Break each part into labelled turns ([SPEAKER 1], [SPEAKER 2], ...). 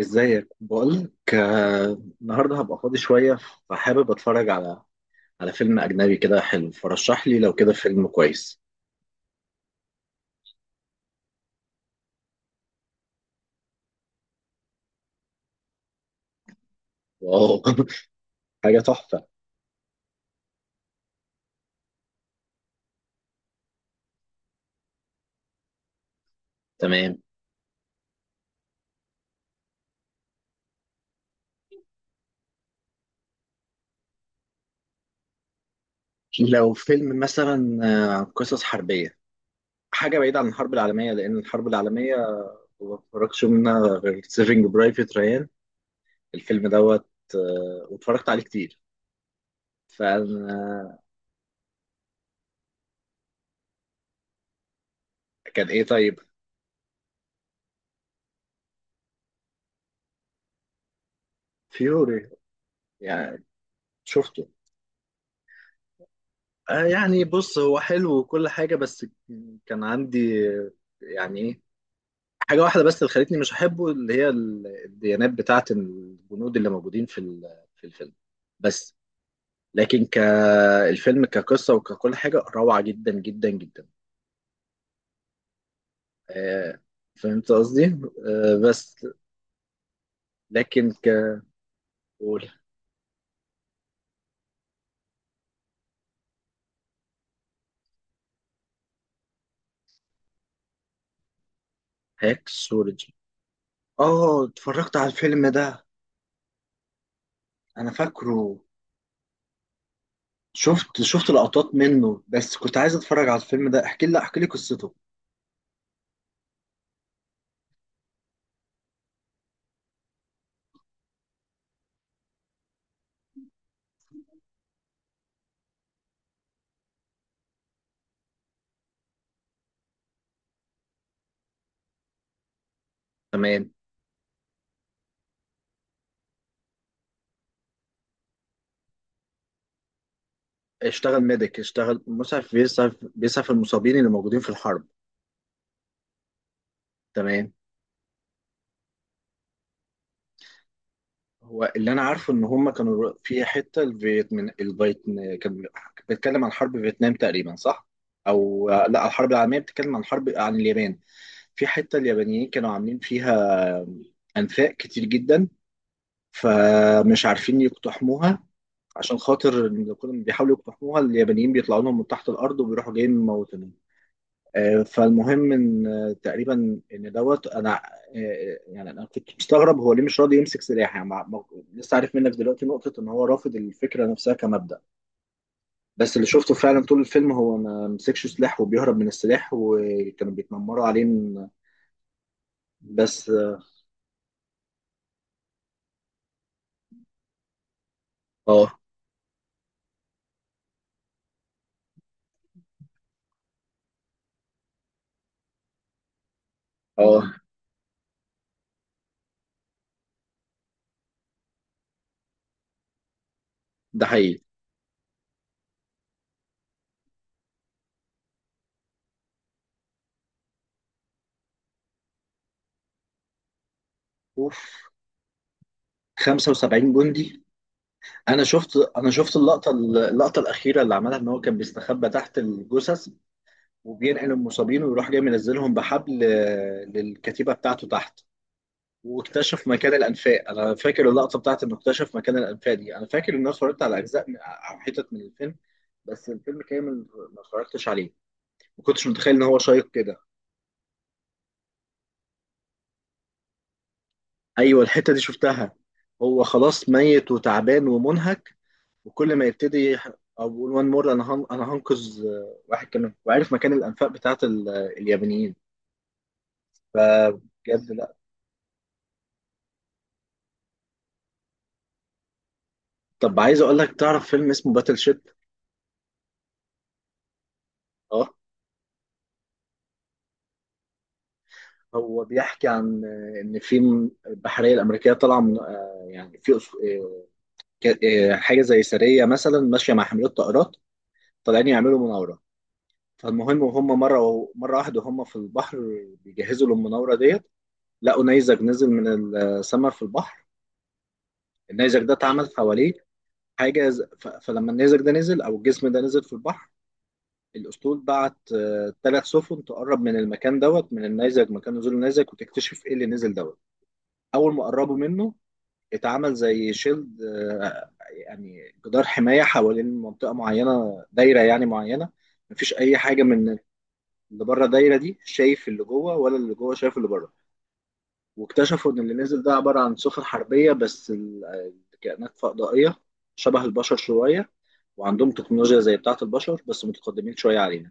[SPEAKER 1] ازيك، بقولك النهارده هبقى فاضي شوية، فحابب اتفرج على فيلم أجنبي كده حلو. فرشح لي لو كده فيلم كويس. واو حاجة تحفة. تمام. لو فيلم مثلا قصص حربية، حاجة بعيدة عن الحرب العالمية، لأن الحرب العالمية ما اتفرجتش منها غير سيفنج برايفت ريان، الفيلم دوت. واتفرجت عليه كتير. فكان. إيه طيب. فيوري؟ يعني شفته. يعني بص، هو حلو وكل حاجة، بس كان عندي يعني ايه، حاجة واحدة بس اللي خلتني مش أحبه، اللي هي الديانات بتاعة الجنود اللي موجودين في في الفيلم. بس لكن كالفيلم كقصة وككل حاجة، روعة جدا جدا جدا. آه، فهمت قصدي؟ بس لكن ك. هاكسولوجي. اه اتفرجت على الفيلم ده. انا فاكره. شفت لقطات منه، بس كنت عايز اتفرج على الفيلم ده. احكي لي احكي لي قصته. تمام. اشتغل ميديك، اشتغل مسعف، بيسعف المصابين اللي موجودين في الحرب. تمام. هو اللي انا عارفه ان هم كانوا في حته الفيتمن الفيتن كان بيتكلم عن حرب فيتنام تقريبا، صح؟ او لا، الحرب العالميه، بتتكلم عن حرب عن اليابان، في حته اليابانيين كانوا عاملين فيها انفاق كتير جدا، فمش عارفين يقتحموها، عشان خاطر إن كل ما بيحاولوا يقتحموها اليابانيين بيطلعوا لهم من تحت الارض وبيروحوا جايين مموتينهم. فالمهم ان تقريبا ان دوت انا يعني انا كنت مستغرب هو ليه مش راضي يمسك سلاح، يعني لسه عارف منك دلوقتي نقطة ان هو رافض الفكرة نفسها كمبدأ. بس اللي شفته فعلا طول الفيلم هو ما مسكش سلاح، وبيهرب من السلاح، وكانوا بيتنمروا عليه بس. اه اه ده حقيقي. اوف. 75 جندي. انا شفت اللقطة، اللقطة الأخيرة اللي عملها، ان هو كان بيستخبى تحت الجثث وبينقل المصابين، ويروح جاي منزلهم بحبل للكتيبه بتاعته تحت، واكتشف مكان الانفاق. انا فاكر اللقطه بتاعت انه اكتشف مكان الانفاق دي، انا فاكر ان انا اتفرجت على اجزاء او حتت من الفيلم، بس الفيلم كامل ما اتفرجتش عليه. ما كنتش متخيل ان هو شيق كده. ايوه الحته دي شفتها. هو خلاص ميت وتعبان ومنهك، وكل ما يبتدي او بيقول وان مور، انا هنقذ واحد كمان، وعارف مكان الانفاق بتاعت اليابانيين. فبجد. طب عايز اقول لك، تعرف فيلم اسمه باتل شيب؟ اه. هو بيحكي عن ان في البحريه الامريكيه طالعه من يعني في حاجه زي سريه مثلا ماشيه مع حاملات طائرات، طالعين يعملوا مناوره. فالمهم وهم مره واحده هم في البحر، بيجهزوا للمناوره ديت، لقوا نيزك نزل من السماء في البحر. النيزك ده اتعمل حواليه حاجه فلما النيزك ده نزل، او الجسم ده نزل في البحر، الأسطول بعت ثلاث سفن تقرب من المكان دوت، من النيزك، مكان نزول النيزك، وتكتشف إيه اللي نزل دوت. أول ما قربوا منه اتعمل زي شيلد، يعني جدار حماية حوالين منطقة معينة، دايرة يعني معينة، مفيش أي حاجة من اللي بره الدايرة دي شايف اللي جوه، ولا اللي جوه شايف اللي بره. واكتشفوا إن اللي نزل ده عبارة عن سفن حربية، بس الكائنات فضائية، شبه البشر شوية، وعندهم تكنولوجيا زي بتاعة البشر بس متقدمين شوية علينا.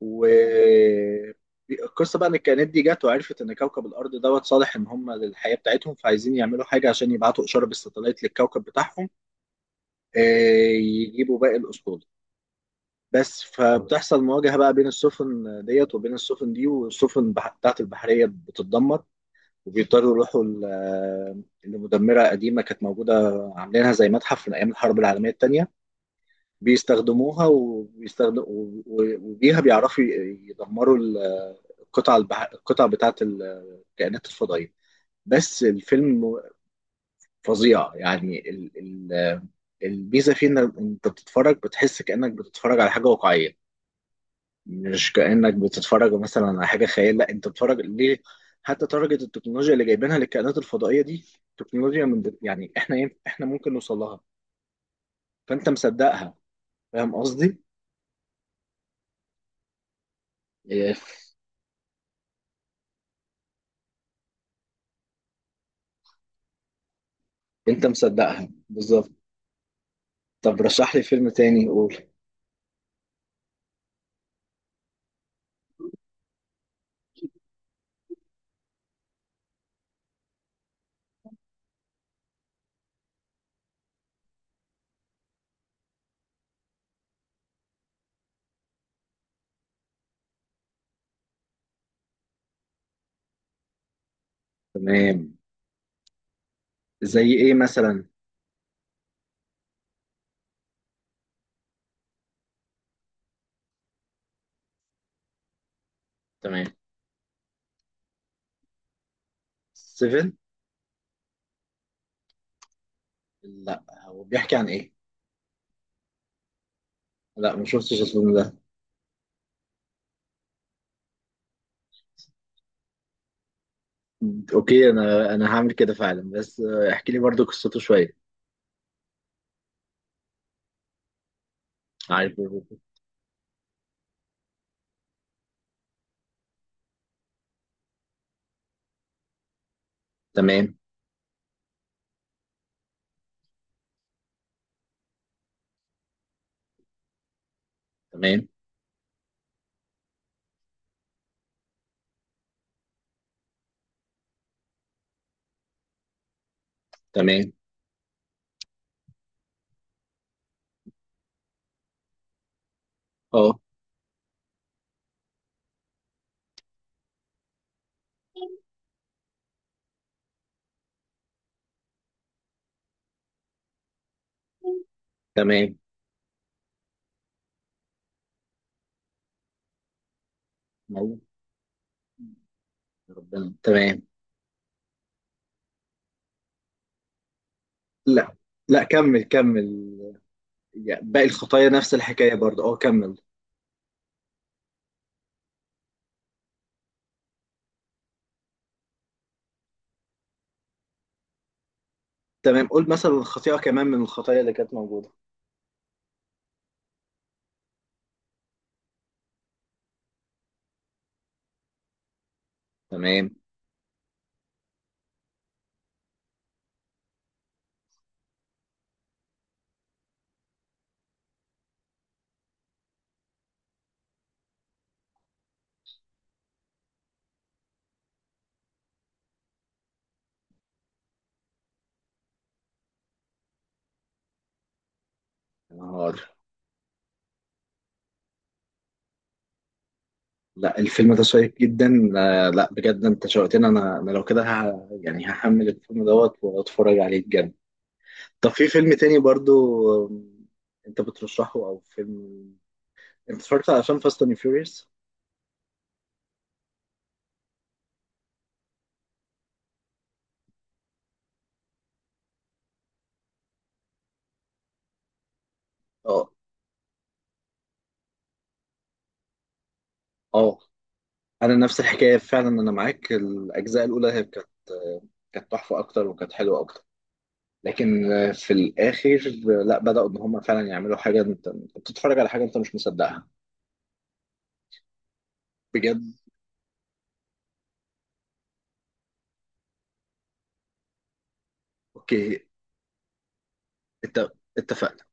[SPEAKER 1] والقصه بقى ان الكائنات دي جت وعرفت ان كوكب الارض دوت صالح ان هم للحياه بتاعتهم، فعايزين يعملوا حاجه عشان يبعتوا اشاره بالستلايت للكوكب بتاعهم، آه، يجيبوا باقي الاسطول. بس فبتحصل مواجهه بقى بين السفن ديت وبين السفن دي، والسفن بتاعت البحريه بتتدمر، وبيضطروا يروحوا لمدمره قديمه كانت موجوده، عاملينها زي متحف، من ايام الحرب العالميه الثانيه، بيستخدموها، وبيها بيعرفوا يدمروا القطع القطع بتاعة الكائنات الفضائية. بس الفيلم فظيع، يعني ال... الميزة فيه انك انت بتتفرج، بتحس كأنك بتتفرج على حاجة واقعية، مش كأنك بتتفرج مثلا على حاجة خيال، لا، انت بتتفرج ليه. حتى درجة التكنولوجيا اللي جايبينها للكائنات الفضائية دي، تكنولوجيا من يعني احنا إيه، احنا ممكن نوصل لها، فانت مصدقها. فاهم قصدي؟ إيه. انت مصدقها بالظبط. طب رشح لي فيلم تاني، قول. تمام. زي ايه مثلا؟ تمام. سيفن؟ لا، هو بيحكي عن ايه؟ لا، ما شفتش الفيلم ده. اوكي، انا هعمل كده فعلا، بس احكي لي برضو قصته شويه. عارف. تمام. تمام. تمام. اه. تمام. موت. ربنا. تمام. لا. لا، كمل كمل، يعني باقي الخطايا نفس الحكايه برضه، اه كمل. تمام. قول مثلا الخطيئه كمان من الخطايا اللي كانت موجوده. تمام. يا نهار. لا، الفيلم ده شيق جدا. لا بجد، انت شوقتني. انا لو كده يعني هحمل الفيلم دوت واتفرج عليه بجد. طب في فيلم تاني برضو، آم، انت بترشحه، او فيلم انت اتفرجت على افلام فاست اند فيوريوس؟ اه. اه، انا نفس الحكايه فعلا، انا معاك، الاجزاء الاولى هي كانت كانت تحفه اكتر وكانت حلوه اكتر، لكن في الاخر لا بداوا ان هم فعلا يعملوا حاجه انت بتتفرج على حاجه انت مش مصدقها. بجد. اوكي. انت. اتفقنا.